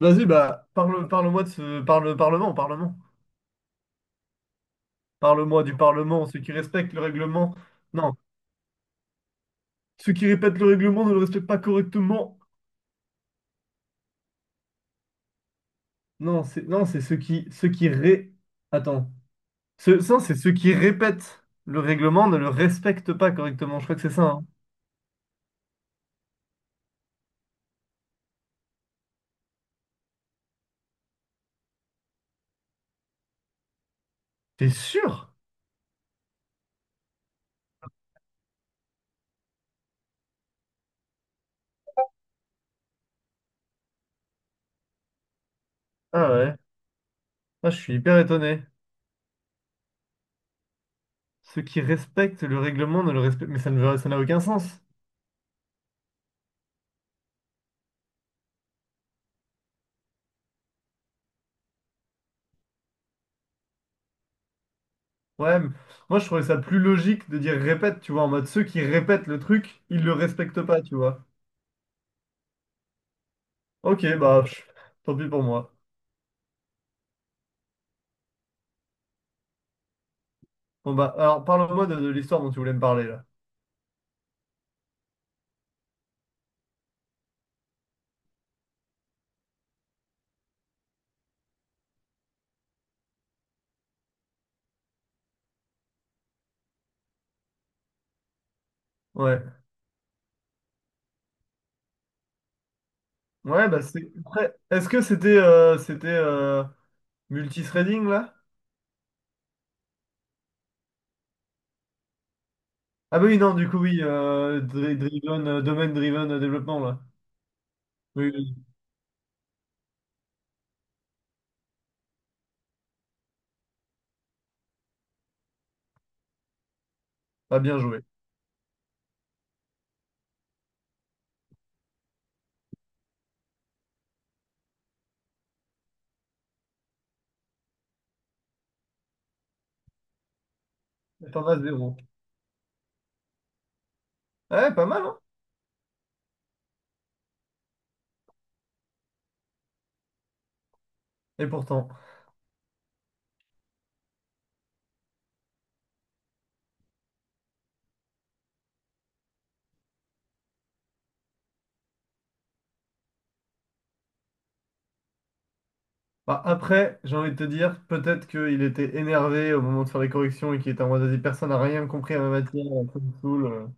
Vas-y, bah, parlement, parlement. Parle-moi du parlement, ceux qui respectent le règlement. Non, ceux qui répètent le règlement ne le respectent pas correctement. Non, c'est non, c'est ceux qui Attends. Ça, c'est ceux qui répètent le règlement ne le respectent pas correctement. Je crois que c'est ça. Hein. T'es sûr? Ah ouais. Ah, je suis hyper étonné. Ceux qui respectent le règlement ne le respectent... Mais ça ne veut- ça n'a aucun sens. Ouais, mais moi je trouvais ça plus logique de dire répète, tu vois, en mode ceux qui répètent le truc, ils le respectent pas, tu vois. Ok, bah, pff, tant pis pour moi. Bon, bah, alors, parle-moi de l'histoire dont tu voulais me parler, là. Ouais. Ouais, bah, Après, est-ce que c'était multithreading, là? Ah bah oui, non, du coup, oui, driven, domaine driven développement, là. Oui, oui, pas bien joué. T'en as zéro. Ouais, pas mal, hein? Et pourtant. Bah, après, j'ai envie de te dire, peut-être qu'il était énervé au moment de faire les corrections et qu'il était en mode, vas-y, personne n'a rien compris à ma matière, ça me saoule.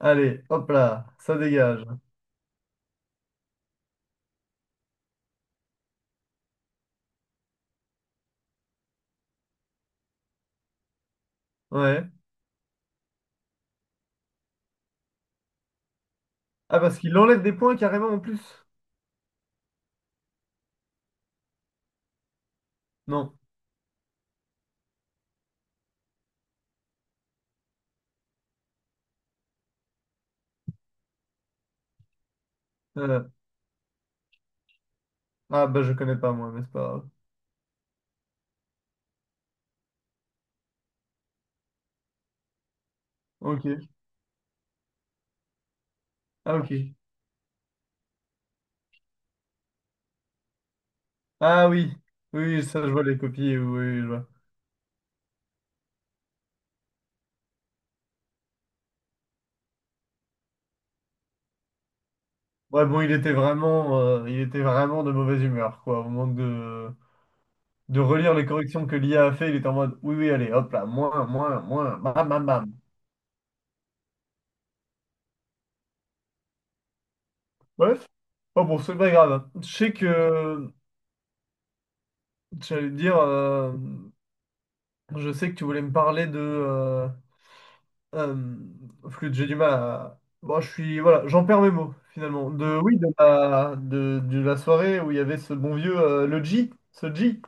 Allez, hop là, ça dégage. Ouais. Ah, parce qu'il enlève des points carrément en plus. Non. Euh, Ah, bah je connais pas moi, mais c'est pas grave. Ok. Ah, ok. Ah oui. Oui, oui, ça, je vois les copies. Oui, oui, je vois. Ouais, bon, il était vraiment de mauvaise humeur, quoi. Au moment de relire les corrections que l'IA a fait, il était en mode, oui, oui, allez, hop là, moins, moins, moins, bam, bam, bam. Bref. Oh bon, c'est pas grave. Hein. J'allais te dire, je sais que tu voulais me parler de, Euh, flûte, j'ai du mal à. Bon, je suis. Voilà, j'en perds mes mots, finalement. Oui, de la soirée où il y avait ce bon vieux, ce G.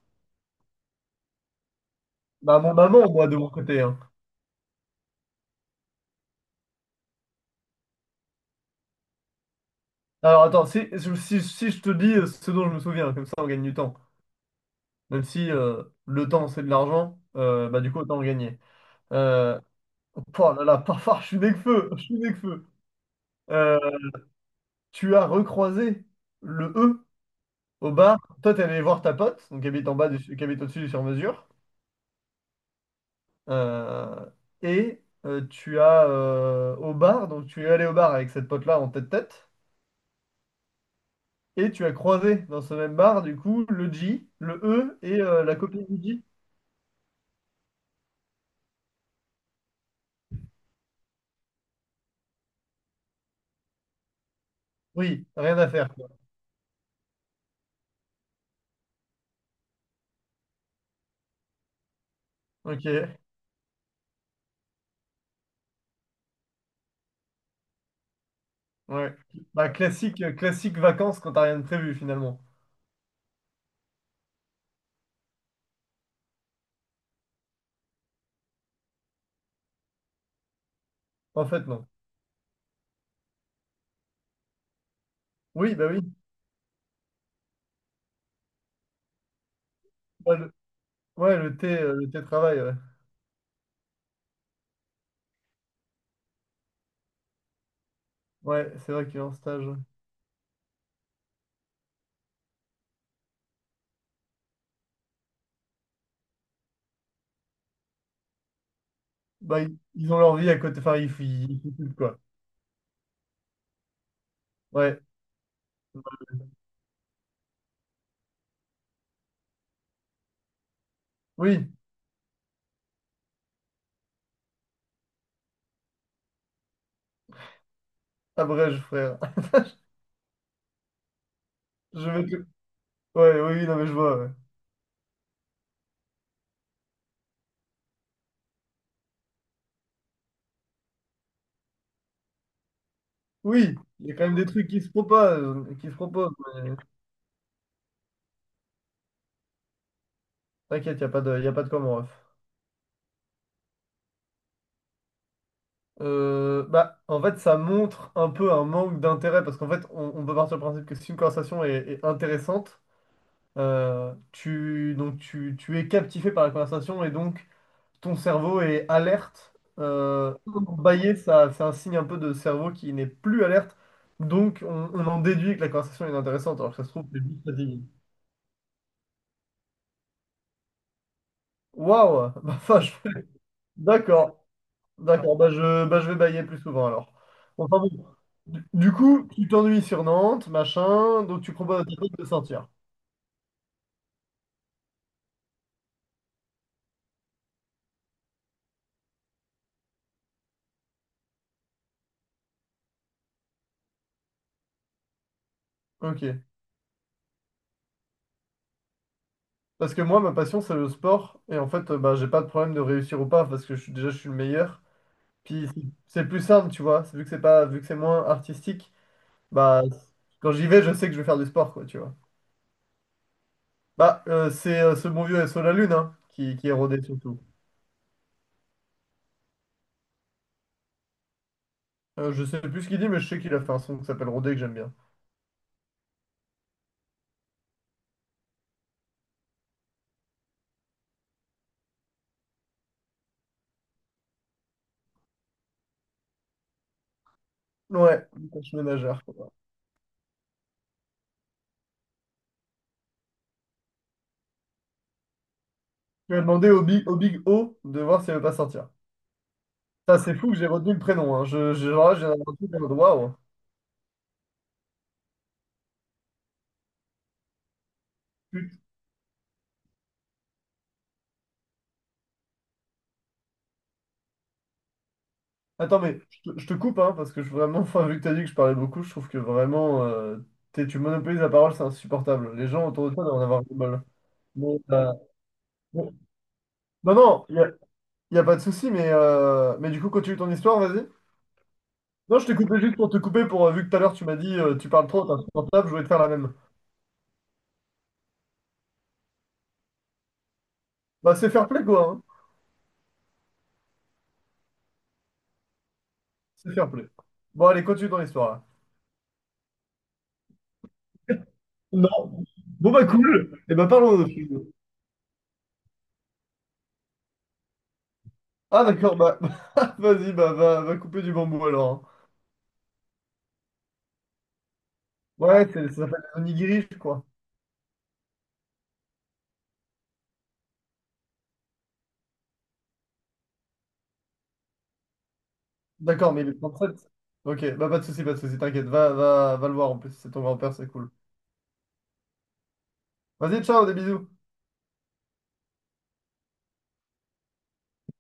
Bah, mon maman, moi, de mon côté. Hein. Alors, attends, si je te dis ce dont je me souviens, comme ça, on gagne du temps. Même si le temps, c'est de l'argent, bah, du coup, autant en gagner. Euh, oh là là, parfois, je suis né que feu, je suis né que feu. Euh, Tu as recroisé le E au bar. Toi, t'es allé voir ta pote, donc, qui habite qui habite au-dessus du sur-mesure. Euh, et tu as au bar, donc tu es allé au bar avec cette pote-là en tête-tête, et tu as croisé dans ce même bar, du coup, le J, le E et la copine du J. Oui, rien à faire, quoi. Ok, ouais. Bah, classique vacances quand t'as rien de prévu finalement. En fait, non. Oui, bah oui. Ouais, ouais, le thé travail, ouais. Ouais, c'est vrai qu'il est en stage. Bah, ils ont leur vie à côté, enfin, ils foutent, quoi. Ouais, oui, abrège, frère. Je vais te- Ouais, oui, oui, non, mais je vois, ouais. Oui, il y a quand même des trucs qui se proposent, mais t'inquiète, il n'y a pas de, y a pas de comment, ref. Bah, en fait, ça montre un peu un manque d'intérêt, parce qu'en fait, on peut partir du principe que si une conversation est, est intéressante, donc tu es captivé par la conversation, et donc ton cerveau est alerte. Bailler, ça, c'est un signe un peu de cerveau qui n'est plus alerte, donc on en déduit que la conversation est intéressante, alors que ça se trouve, c'est juste fatigué. Waouh! Bah, enfin. D'accord. D'accord, bah je vais bailler plus souvent alors. Enfin bon. Du coup, tu t'ennuies sur Nantes, machin, donc tu proposes à tes potes de sortir. Ok. Parce que moi, ma passion, c'est le sport. Et en fait, bah, j'ai pas de problème de réussir ou pas, parce que je suis, déjà, je suis le meilleur. Puis c'est plus simple, tu vois. Vu que c'est pas, vu que c'est moins artistique, bah quand j'y vais, je sais que je vais faire du sport, quoi, tu vois. Bah, c'est ce bon vieux SO La Lune, hein, qui est rodé surtout. Je sais plus ce qu'il dit, mais je sais qu'il a fait un son qui s'appelle Rodé que j'aime bien. Ouais, tâche ménagère. Tu vas demander au Big O de voir s'il ne veut pas sortir. Ça, c'est fou que j'ai retenu le prénom. Hein. Je, genre là, j'ai un truc, waouh. Put- Attends, mais je te coupe, hein, parce que je, vraiment, enfin, vu que tu as dit que je parlais beaucoup, je trouve que vraiment, tu monopolises la parole, c'est insupportable. Les gens autour de toi doivent en avoir du mal. Mais, bon. Non, non, y a pas de souci, mais du coup, continue ton histoire, vas-y. Non, je t'ai coupé juste pour te couper, vu que tout à l'heure, tu m'as dit, tu parles trop, t'es insupportable, je voulais te faire la même. Bah, c'est fair play, quoi. Hein. C'est fair play. Bon, allez, continue ton histoire, là. Non. Bon bah cool. Et bah parlons de film. Ah d'accord, bah vas-y, bah va couper du bambou alors. Hein. Ouais, ça s'appelle les onigiris, quoi. D'accord, mais il est 37. Ok, bah pas de soucis, pas de soucis, t'inquiète, va, va, va le voir en plus, c'est ton grand-père, c'est cool. Vas-y, ciao, des bisous.